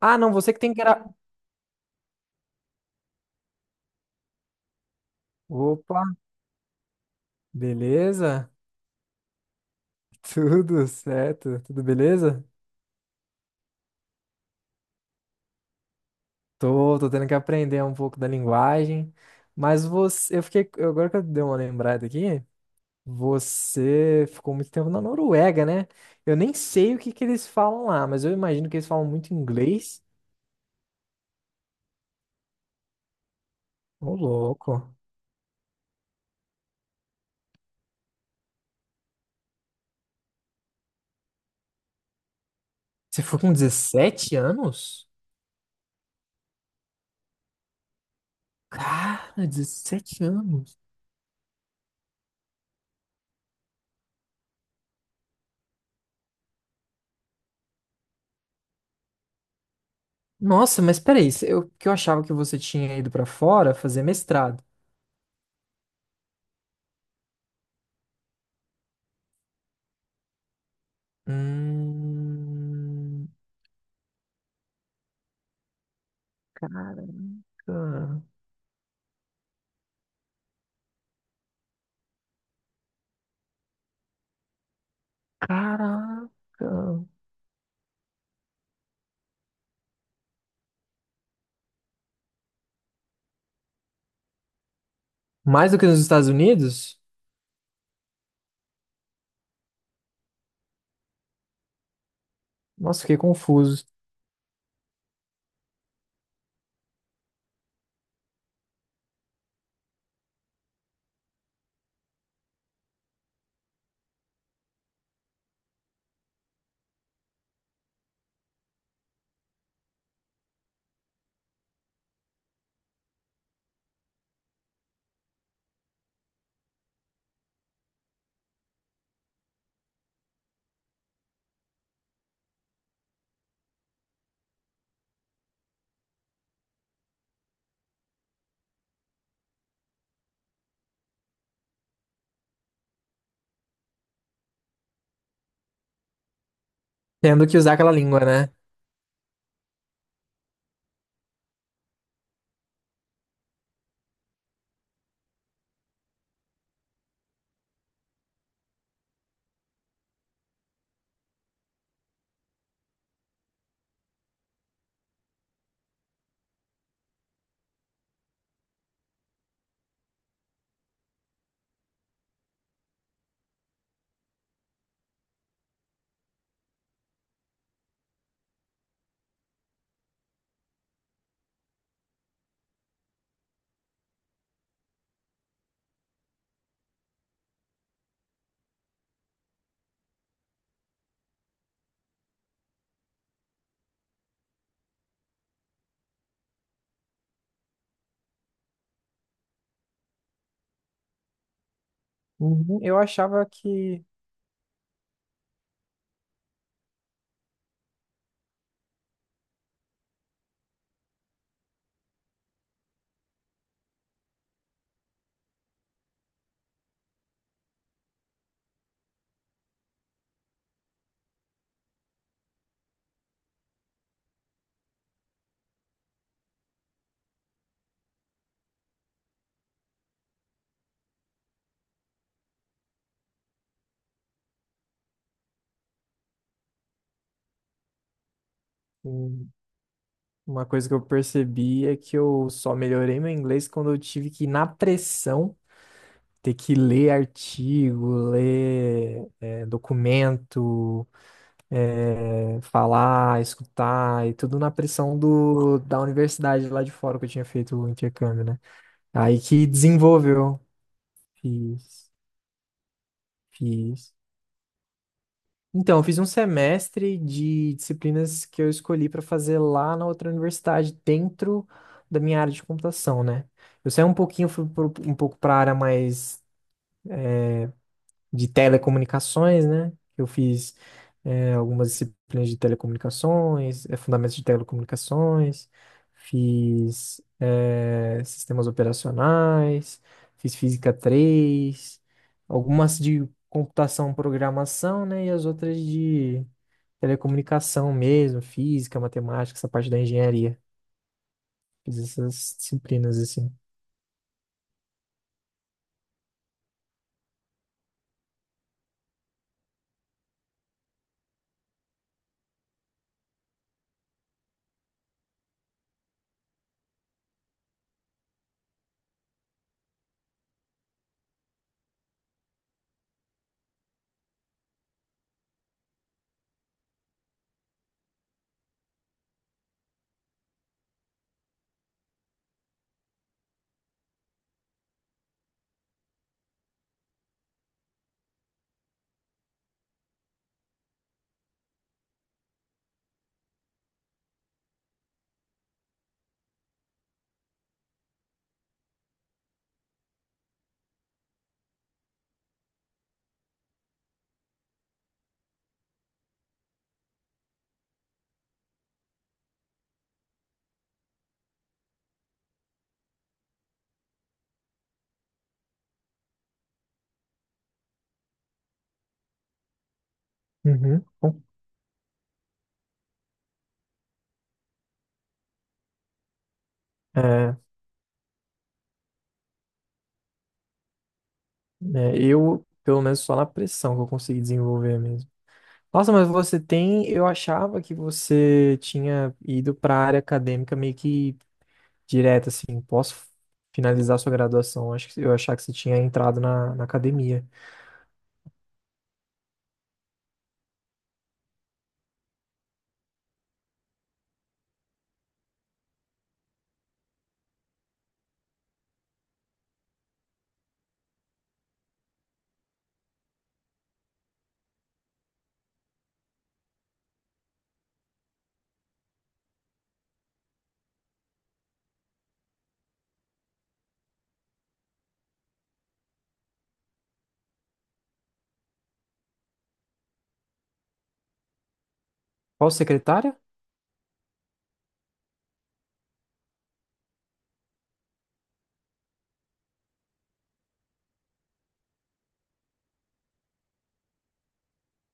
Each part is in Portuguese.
Ah, não, você que tem que era. Opa, beleza? Tudo certo? Tudo beleza? Tô tendo que aprender um pouco da linguagem, mas eu fiquei, agora que eu dei uma lembrada aqui, você ficou muito tempo na Noruega, né? Eu nem sei o que que eles falam lá, mas eu imagino que eles falam muito inglês. Ô, louco. Você foi com 17 anos? Cara, 17 anos. Nossa, mas peraí, se eu, que eu achava que você tinha ido pra fora fazer mestrado. Hum, caraca. Caraca. Mais do que nos Estados Unidos? Nossa, fiquei confuso. Tendo que usar aquela língua, né? Uhum. Eu achava que hum, uma coisa que eu percebi é que eu só melhorei meu inglês quando eu tive que, na pressão, ter que ler artigo, ler documento. Falar, escutar e tudo na pressão da universidade lá de fora que eu tinha feito o intercâmbio, né? Aí que desenvolveu, fiz, fiz. Então, eu fiz um semestre de disciplinas que eu escolhi para fazer lá na outra universidade, dentro da minha área de computação, né? Eu saí um pouquinho, fui um pouco para a área mais de telecomunicações, né? Eu fiz algumas disciplinas de telecomunicações, fundamentos de telecomunicações, fiz sistemas operacionais, fiz física 3, algumas de computação, programação, né? E as outras de telecomunicação mesmo, física, matemática, essa parte da engenharia. Fiz essas disciplinas assim. Uhum. Bom, É, eu, pelo menos, só na pressão que eu consegui desenvolver mesmo. Nossa, mas você tem. Eu achava que você tinha ido para a área acadêmica meio que direto, assim. Posso finalizar sua graduação? Acho que eu achava que você tinha entrado na, na academia. Qual secretária?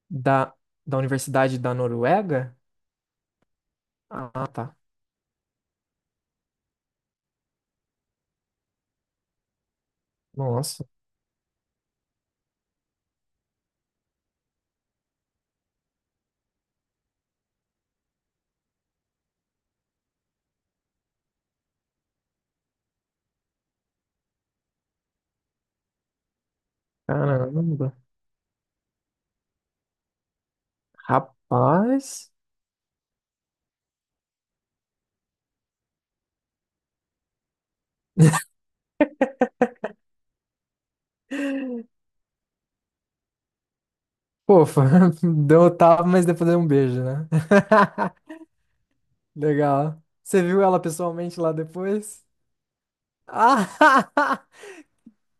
Da, da Universidade da Noruega? Ah, tá. Nossa, caramba. Rapaz. Pofa, deu um tapa, mas depois deu um beijo, né? Legal. Você viu ela pessoalmente lá depois? Ah!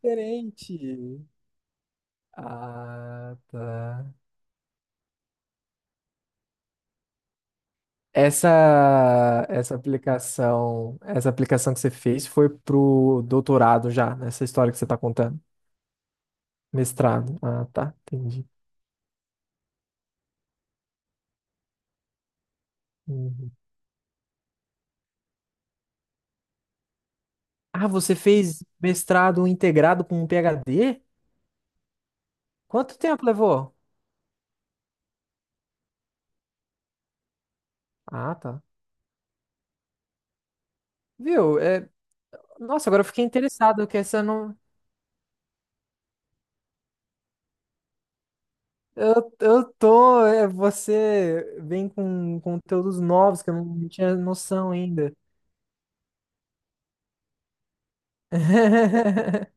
Diferente. Ah, tá. Essa aplicação que você fez foi pro doutorado já, nessa história que você tá contando. Mestrado. Ah, tá. Entendi. Uhum. Ah, você fez mestrado integrado com um PhD? Quanto tempo levou? Ah, tá. Viu? É... Nossa, agora eu fiquei interessado que essa não. Você vem com conteúdos novos que eu não tinha noção ainda.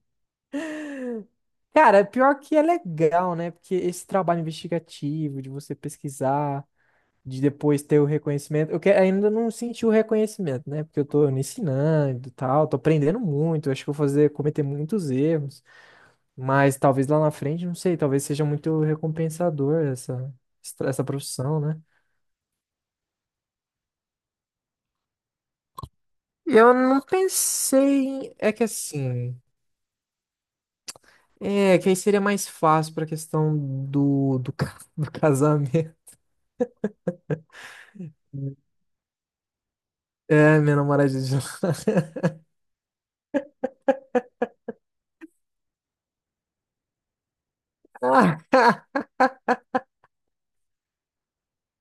Cara, pior que é legal, né? Porque esse trabalho investigativo, de você pesquisar, de depois ter o reconhecimento. Ainda não senti o reconhecimento, né? Porque eu tô me ensinando e tal, tô aprendendo muito. Acho que eu vou fazer, cometer muitos erros. Mas talvez lá na frente, não sei, talvez seja muito recompensador essa, profissão, né? E eu não pensei. É que assim. É, que aí seria mais fácil pra questão do do casamento. É, minha namorada de lá.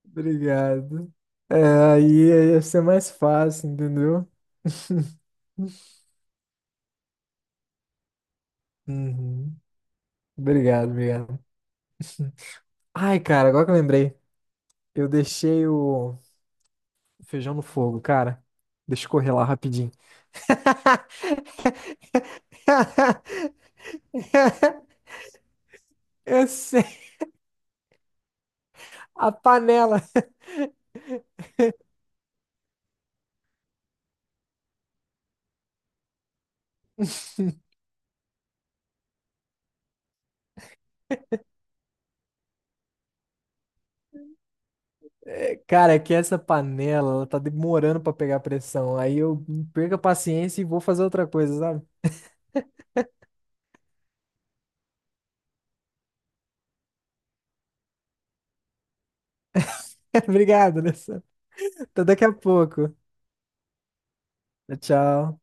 Obrigado. É, aí ia ser mais fácil, entendeu? Uhum. Obrigado, obrigado. Ai, cara, agora que eu lembrei, eu deixei o feijão no fogo, cara. Deixa eu correr lá rapidinho. Eu sei, a panela. Cara, é que essa panela, ela tá demorando pra pegar pressão. Aí eu perco a paciência e vou fazer outra coisa, sabe? Obrigado, Alessandro. Até daqui a pouco. Tchau.